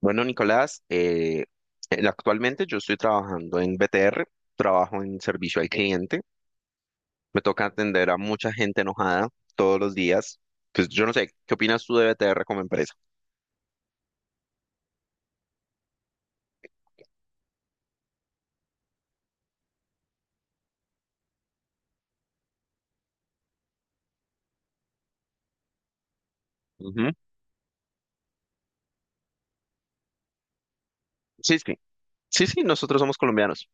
Bueno, Nicolás, actualmente yo estoy trabajando en BTR, trabajo en servicio al cliente. Me toca atender a mucha gente enojada todos los días. Pues yo no sé, ¿qué opinas tú de BTR como empresa? Ujú. Sí, sí. Sí, sí, nosotros somos colombianos.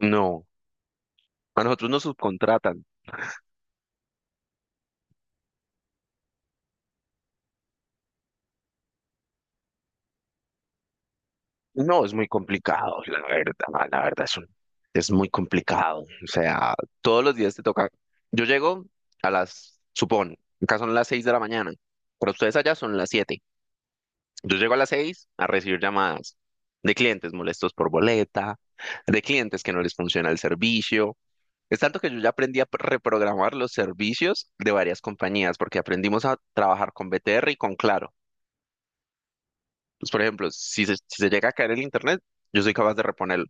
No, a nosotros nos subcontratan. No, es muy complicado, la verdad, es muy complicado. O sea, todos los días te toca. Yo llego a las, supón, acá son las seis de la mañana, pero ustedes allá son las siete. Yo llego a las seis a recibir llamadas de clientes molestos por boleta, de clientes que no les funciona el servicio. Es tanto que yo ya aprendí a reprogramar los servicios de varias compañías, porque aprendimos a trabajar con BTR y con Claro. Pues, por ejemplo, si se llega a caer el internet, yo soy capaz de reponerlo.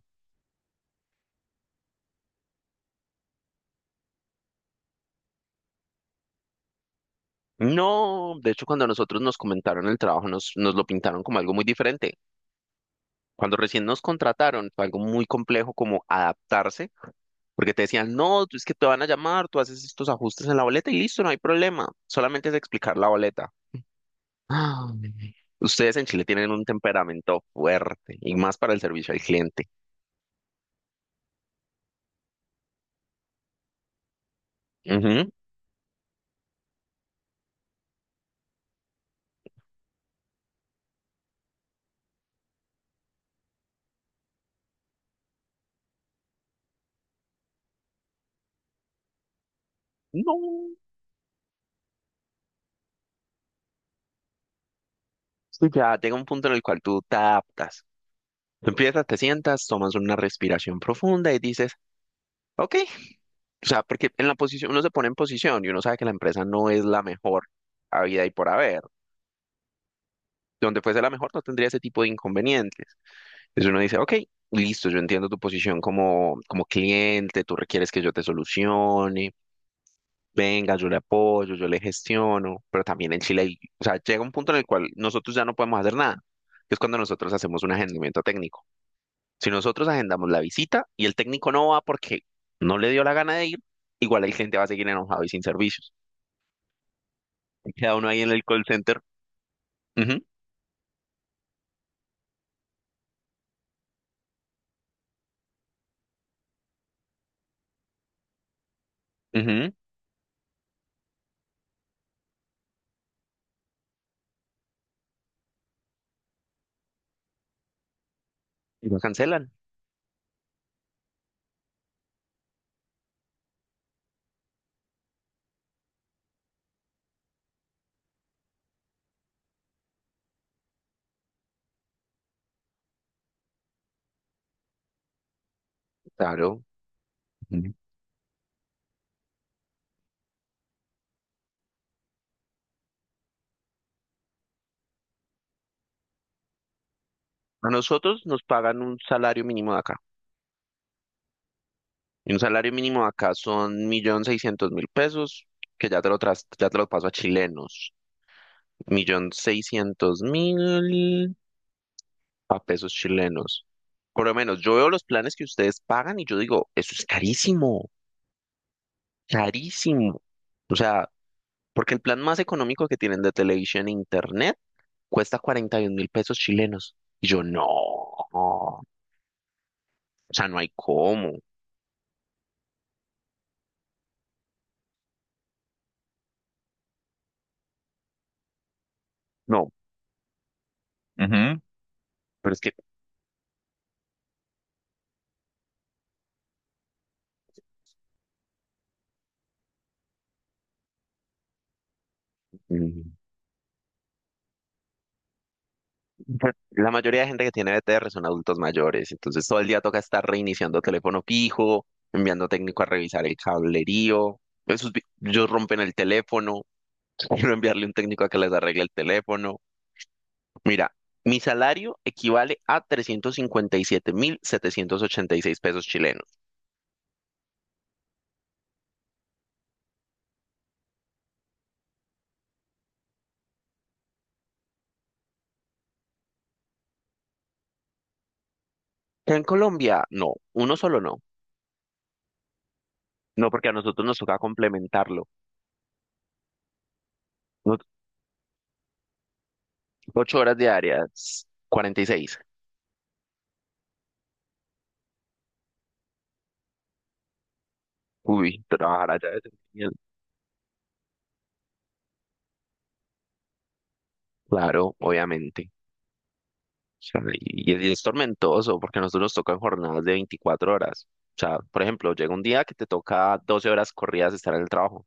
No, de hecho, cuando a nosotros nos comentaron el trabajo, nos lo pintaron como algo muy diferente. Cuando recién nos contrataron, fue algo muy complejo como adaptarse, porque te decían, no, tú es que te van a llamar, tú haces estos ajustes en la boleta y listo, no hay problema, solamente es explicar la boleta. Ah, ustedes en Chile tienen un temperamento fuerte y más para el servicio al cliente. Ujú. No, sí, ya llega un punto en el cual tú te adaptas. Tú empiezas, te sientas, tomas una respiración profunda y dices, ok. O sea, porque en la posición, uno se pone en posición y uno sabe que la empresa no es la mejor habida y por haber. Donde fuese la mejor no tendría ese tipo de inconvenientes. Entonces uno dice, ok, listo, yo entiendo tu posición como, como cliente, tú requieres que yo te solucione, venga, yo le apoyo, yo le gestiono, pero también en Chile, o sea, llega un punto en el cual nosotros ya no podemos hacer nada, que es cuando nosotros hacemos un agendamiento técnico. Si nosotros agendamos la visita y el técnico no va porque no le dio la gana de ir, igual el cliente va a seguir enojado y sin servicios. Queda uno ahí en el call center. Ujú, ujú, y lo cancelan. Claro. Ujú. A nosotros nos pagan un salario mínimo de acá. Y un salario mínimo de acá son 1.600.000 pesos, que ya te lo tras, ya te lo paso a chilenos. 1.600.000 a pesos chilenos. Por lo menos, yo veo los planes que ustedes pagan y yo digo, eso es carísimo. Carísimo. O sea, porque el plan más económico que tienen de televisión e internet cuesta 41 mil pesos chilenos. Y yo, no, o sea, no hay cómo. No, ujú, pero es que mm, la mayoría de gente que tiene BTR son adultos mayores, entonces todo el día toca estar reiniciando teléfono fijo, enviando técnico a revisar el cablerío. Esos, ellos rompen el teléfono, quiero enviarle un técnico a que les arregle el teléfono. Mira, mi salario equivale a trescientos cincuenta y siete mil setecientos ochenta y seis pesos chilenos. En Colombia, no, uno solo no. No, porque a nosotros nos toca complementarlo. No- Ocho horas diarias, 46. Uy, trabajar allá es genial. Claro, obviamente. Sea, y es tormentoso porque a nosotros nos tocan jornadas de 24 horas. O sea, por ejemplo, llega un día que te toca 12 horas corridas estar en el trabajo.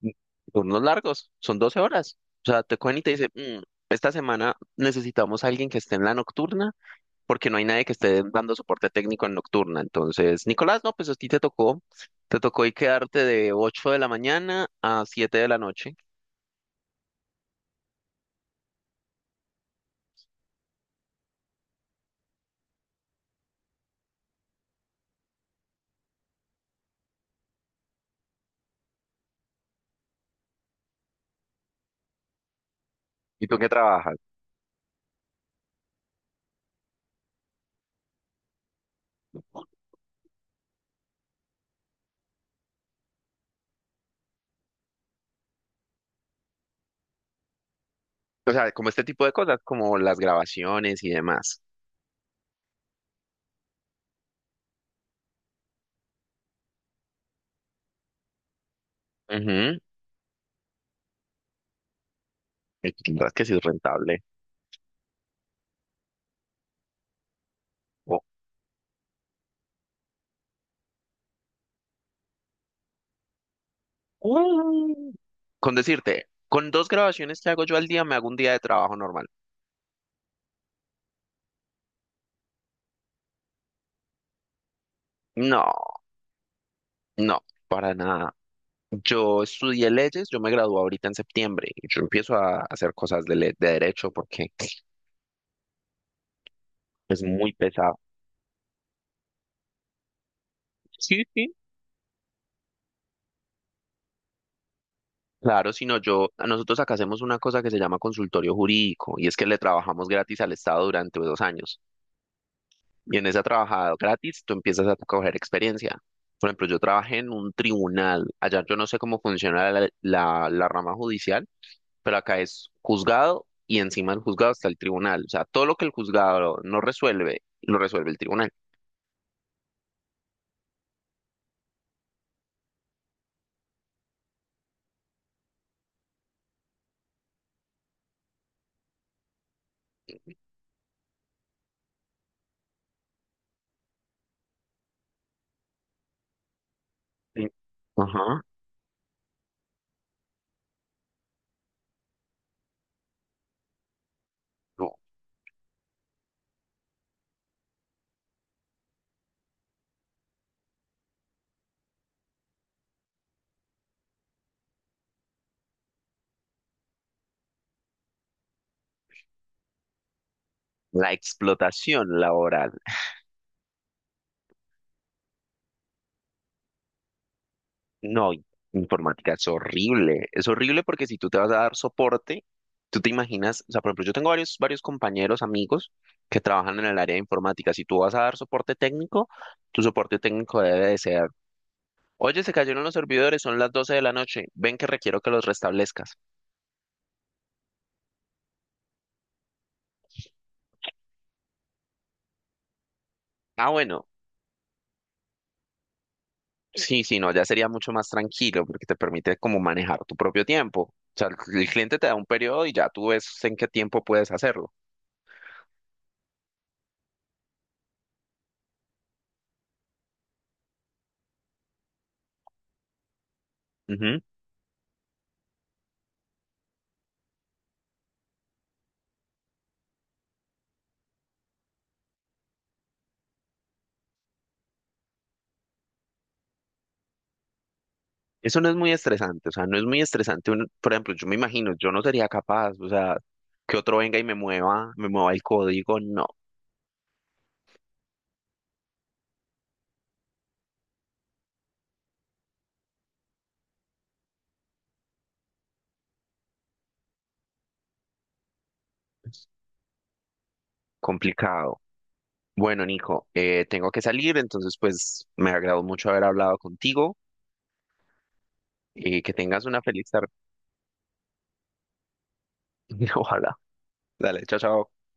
Mm. Turnos largos, son 12 horas. O sea, te cogen y te dicen, "Mm, esta semana necesitamos a alguien que esté en la nocturna porque no hay nadie que esté dando soporte técnico en nocturna. Entonces, Nicolás, no, pues a ti te tocó. Te tocó y quedarte de 8 de la mañana a 7 de la noche. ¿Y tú en qué trabajas? O sea, como este tipo de cosas, como las grabaciones y demás. Ujú. Es la verdad que sí es rentable. O- Mm. Con decirte, con dos grabaciones que hago yo al día, me hago un día de trabajo normal. No, no, para nada. Yo estudié leyes, yo me gradué ahorita en septiembre y yo empiezo a hacer cosas de, de derecho porque es muy pesado. Sí, sí. Claro, sino yo, nosotros acá hacemos una cosa que se llama consultorio jurídico y es que le trabajamos gratis al Estado durante 2 años. Y en esa trabajada gratis tú empiezas a coger experiencia. Por ejemplo, yo trabajé en un tribunal. Allá yo no sé cómo funciona la rama judicial, pero acá es juzgado y encima del juzgado está el tribunal. O sea, todo lo que el juzgado no resuelve, lo resuelve el tribunal. Sí. Ajá. No, la explotación laboral. No, informática es horrible. Es horrible porque si tú te vas a dar soporte, tú te imaginas, o sea, por ejemplo, yo tengo varios compañeros, amigos que trabajan en el área de informática. Si tú vas a dar soporte técnico, tu soporte técnico debe de ser, oye, se cayeron los servidores, son las 12 de la noche, ven que requiero que los restablezcas. Ah, bueno, sí, no, ya sería mucho más tranquilo porque te permite como manejar tu propio tiempo. O sea, el cliente te da un periodo y ya tú ves en qué tiempo puedes hacerlo. Ujú. Eso no es muy estresante, o sea, no es muy estresante. Por ejemplo, yo me imagino, yo no sería capaz, o sea, que otro venga y me mueva el código, no, complicado. Bueno, Nico, tengo que salir, entonces pues me agradó mucho haber hablado contigo y que tengas una feliz tarde. Ojalá. Dale, chao, chao.